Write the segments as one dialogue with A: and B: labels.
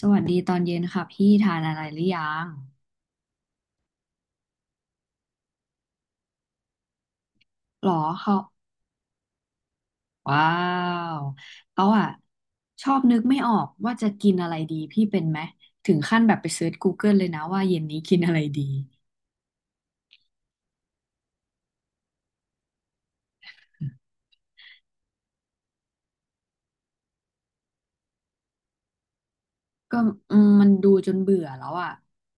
A: สวัสดีตอนเย็นค่ะพี่ทานอะไรหรือยังหรอเขาว้าวเขาอะชอบนึกไม่ออกว่าจะกินอะไรดีพี่เป็นไหมถึงขั้นแบบไปเซิร์ช Google เกิลเลยนะว่าเย็นนี้กินอะไรดีก็มันดูจนเบื่อแล้วอะ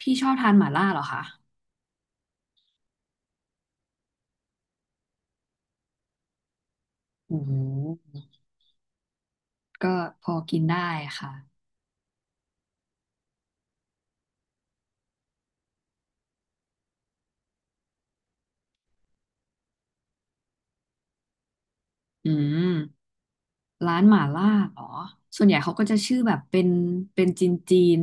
A: พี่ชอบทานหม่าล่าเหรอคะโอืมก็พอกินได้ค่ะอืม ร้านหม่าล่าเหรอ ส่วนใหญ่เขาก็จะชื่อแบบเป็นเป็นจีนจีน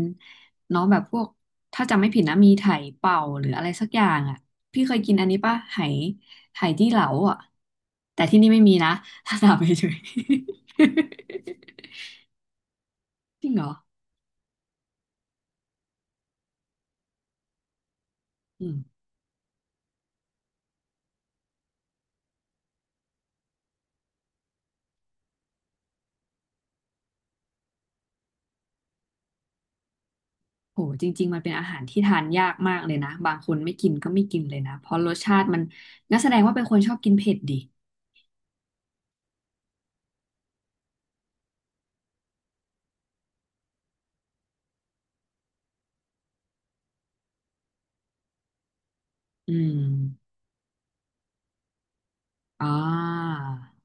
A: เนาะแบบพวกถ้าจำไม่ผิดนะมีไถเป่าหรืออะไรสักอย่างอ่ะพี่เคยกินอันนี้ป่ะไหไหจี้เหลาอ่ะแต่ที่นี่ไม่มีนะ ถ้าถามเฉยๆ จริงเหรออืมโห จริงๆมันเป็นอาหารที่ทานยากมากเลยนะ บางคนไม่กินก็ไม่กินเลยนะ เพราะรสชาติมันงั้นแสดงว่าเป็นคนชอบกินเผ็ดดิอืมอ่า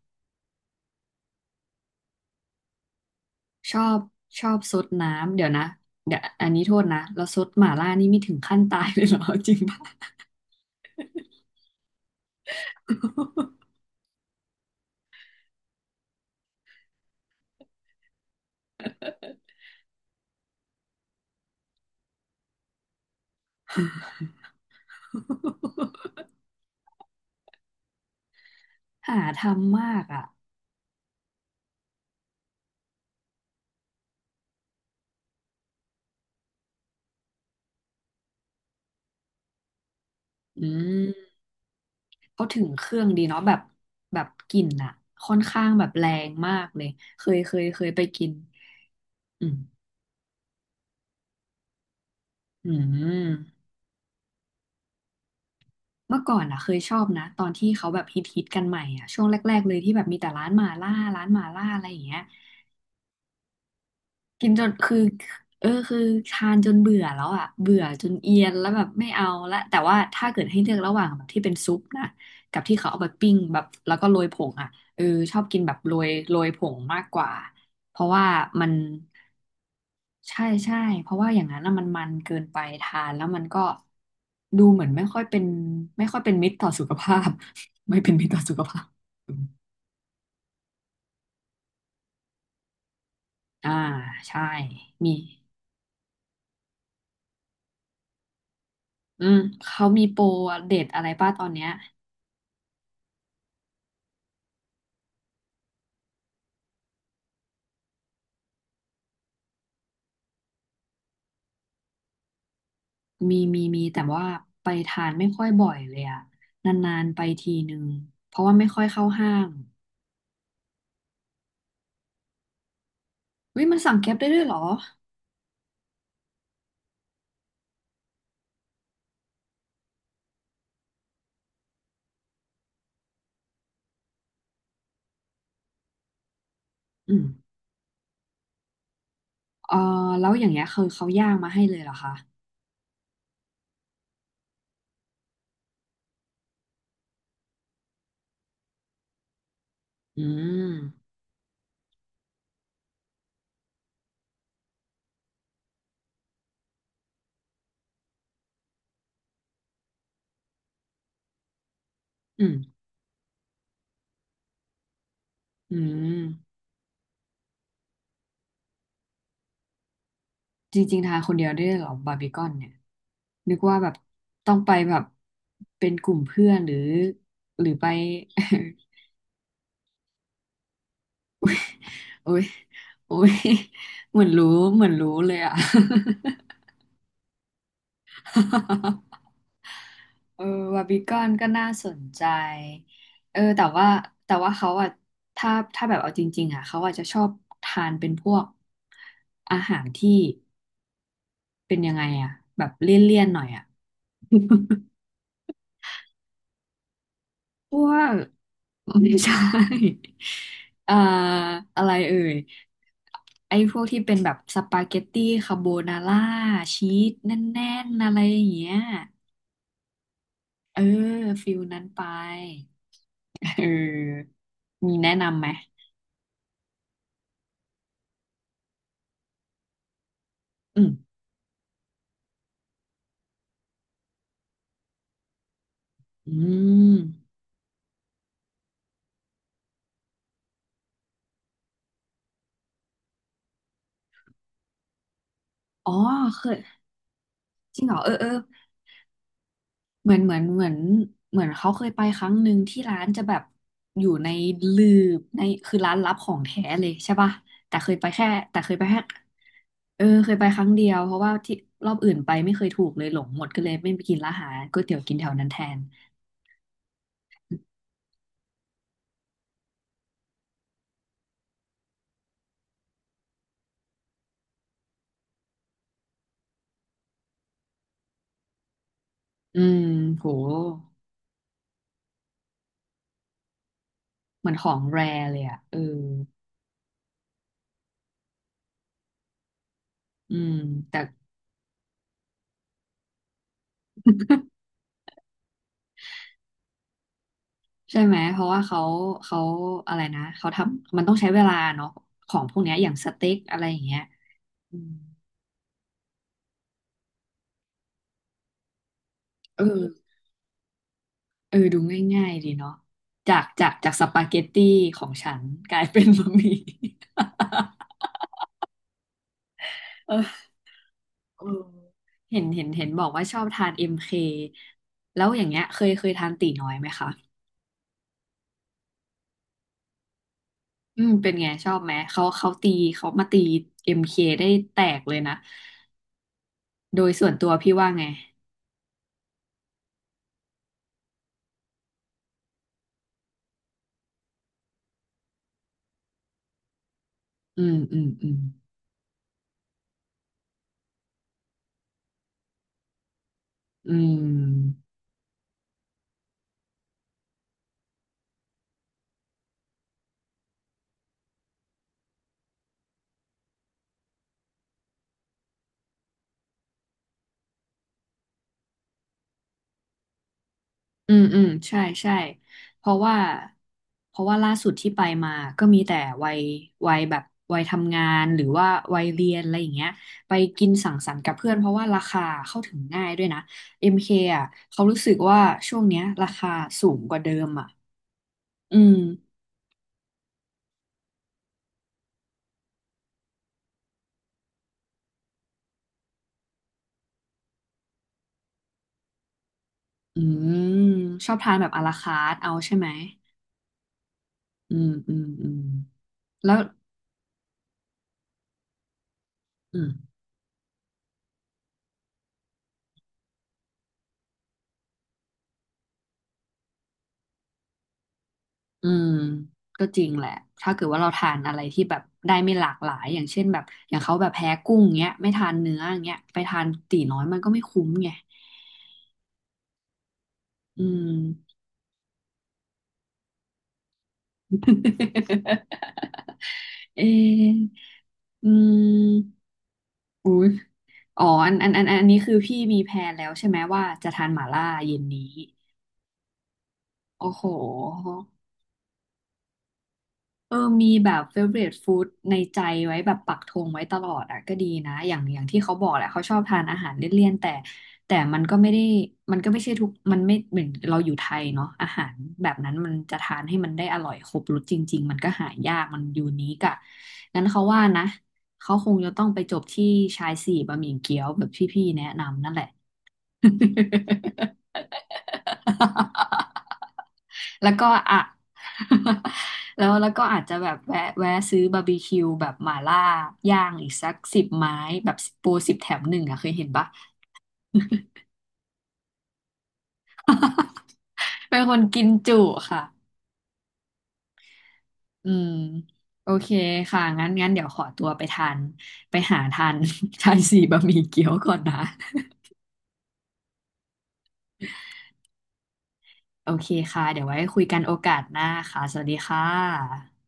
A: ชอบชอบซดน้ำเดี๋ยวนะเดี๋ยวอันนี้โทษนะแล้วซดหม่าล่านี่ไม่ถึงขั้นตายเลยเหรอ จริงป่ะ หาทำมากอ่ะอืมเขาถึงเครื่องดีเนาะแบบแบบกลิ่นอ่ะค่อนข้างแบบแรงมากเลยเคยไปกินอืมอืมเมื่อก่อนอ่ะเคยชอบนะตอนที่เขาแบบฮิตกันใหม่อ่ะช่วงแรกๆเลยที่แบบมีแต่ร้านหม่าล่าร้านหม่าล่าอะไรอย่างเงี้ย กินจนคือเออคือทานจนเบื่อแล้วอ่ะเบื่อจนเอียนแล้วแบบไม่เอาละแต่ว่าถ้าเกิดให้เลือกระหว่างแบบที่เป็นซุปนะกับที่เขาเอาไปปิ้งแบบแล้วก็โรยผงอ่ะเออชอบกินแบบโรยผงมากกว่าเพราะว่ามันใช่ใช่เพราะว่าอย่างนั้นนะมันเกินไปทานแล้วมันก็ดูเหมือนไม่ค่อยเป็นไม่ค่อยเป็นมิตรต่อสุขภาพ ไม่เป็นมิตรต่อสุขภาพอืมอ่าใช่มีอืมเขามีโปรเด็ดอะไรป้าตอนเนี้ย มีแต่ว่าไปทานไม่ค่อยบ่อยเลยอะนานๆไปทีนึงเพราะว่าไม่ค่อยเข้าห้างเฮ้ยมันสั่งแก๊ปได้ด้วยเหรออืมเออแล้วอย่างเงี้ยคือเขาย่างมาให้เลยเหรอคะอืมอืมอืมจริงๆทานคนเดียวได้ด้วยเหรอบาร์บีคอนเนี่ยนึกว่าแบบต้องไปแบบเป็นกลุ่มเพื่อนหรือหรือไป โอ้ยโอ้ยเหมือนรู้เหมือนรู้เลยอะ เออวาบิกอนก็น่าสนใจเออแต่ว่าแต่ว่าเขาอะถ้าถ้าแบบเอาจริงๆอะเขาอาจจะชอบทานเป็นพวกอาหารที่เป็นยังไงอะแบบเลี่ยนๆหน่อยอะ พวกไม่ใช่ เอ่ออะไรเอ่ยไอ้พวกที่เป็นแบบสปาเกตตี้คาโบนาร่าชีสแน่นๆอะไรอย่างเงี้ยเออฟิลนั้นไป เออมีแนะนำไหมอืมอืมอ๋อเคยจริงเหรอเออเออเหมือนเหมือนเขาเคยไปครั้งหนึ่งที่ร้านจะแบบอยู่ในลืบในคือร้านลับของแท้เลยใช่ป่ะแต่เคยไปแค่แต่เคยไปแค่เออเคยไปครั้งเดียวเพราะว่าที่รอบอื่นไปไม่เคยถูกเลยหลงหมดก็เลยไม่ไปกินร้านอาหารก๋วยเตี๋ยวกินแถวนั้นแทน อืมโหเหมือนของแรเลยอ่ะเอออืมแต่ ใช่ไหมเพราะว่าเขาเขาอะไรนะเขาทำมันต้องใช้เวลาเนาะของพวกเนี้ยอย่างสเต็กอะไรอย่างเงี้ยอืมเออเออดูง่ายๆดีเนาะจากสปาเกตตี้ของฉันกลายเป็นบะหมี่ เออเออเห็นบอกว่าชอบทานเอ็มเคแล้วอย่างเงี้ยเคยทานตีน้อยไหมคะอืมเป็นไงชอบไหมเขาเขาตีเขามาตีเอ็มเคได้แตกเลยนะโดยส่วนตัวพี่ว่าไงอืมอืมอืมอืม อืมอืมใช่ใช่เพราะว่าเพราะว่าล่าสุดที่ไปมาก็มีแต่วัยวัยแบบวัยทำงานหรือว่าวัยเรียนอะไรอย่างเงี้ยไปกินสังสรรค์กับเพื่อนเพราะว่าราคาเข้าถึงง่ายด้วยนะ MK อมเคอ่ะเขารู้สึกว่าช่วงเนี้ยราคาสูงกว่าเดิมอ่ะอืมอืมชอบทานแบบอาราคาร์ทเอาใช่ไหมอืมอืมอืมแล้วอืม อืมก็จริงแหละถ้าเกิดว่าเราทานอะไรที่แบบได้ไม่หลากหลายอย่างเช่นแบบอย่างเขาแบบแพ้กุ้งเงี้ยไม่ทานเนื้ออย่างเงี้ยไปทานตีน้อยมันก็ไม่คุ้มไงอืม เอออืมอุ้ยอ๋ออันนี้คือพี่มีแพลนแล้วใช่ไหมว่าจะทานหม่าล่าเย็นนี้โอ้โห เออมีแบบ favorite food ในใจไว้แบบปักธงไว้ตลอดอ่ะก็ดีนะอย่างอย่างที่เขาบอกแหละเขาชอบทานอาหารเลี่ยนๆแต่แต่มันก็ไม่ได้ มันก็ไม่ใช่ทุกมันไม่เหมือนเราอยู่ไทยเนาะอาหารแบบนั้นมันจะทานให้มันได้อร่อยครบรสจริงๆมันก็หายากมันยูนิคอะงั้นเขาว่านะเขาคงจะต้องไปจบที่ชายสี่บะหมี่เกี๊ยวแบบที่พี่แนะนำนั่นแหละ แล้วก็อ่ะ แล้วแล้วก็อาจจะแบบแวะซื้อบาร์บีคิวแบบหม่าล่าย่างอีกสัก10 ไม้แบบโปร10 แถม 1อ่ะเคยเห็นปะ เป็นคนกินจุค่ะ อืมโอเคค่ะงั้นเดี๋ยวขอตัวไปทานไปหาทาน ชายสี่บะหมี่เกี๊ยวก่อนนะโอเคค่ะเดี๋ยวไว้คุยกันโอกาสหน้าค่ะสวัสดีค่ะ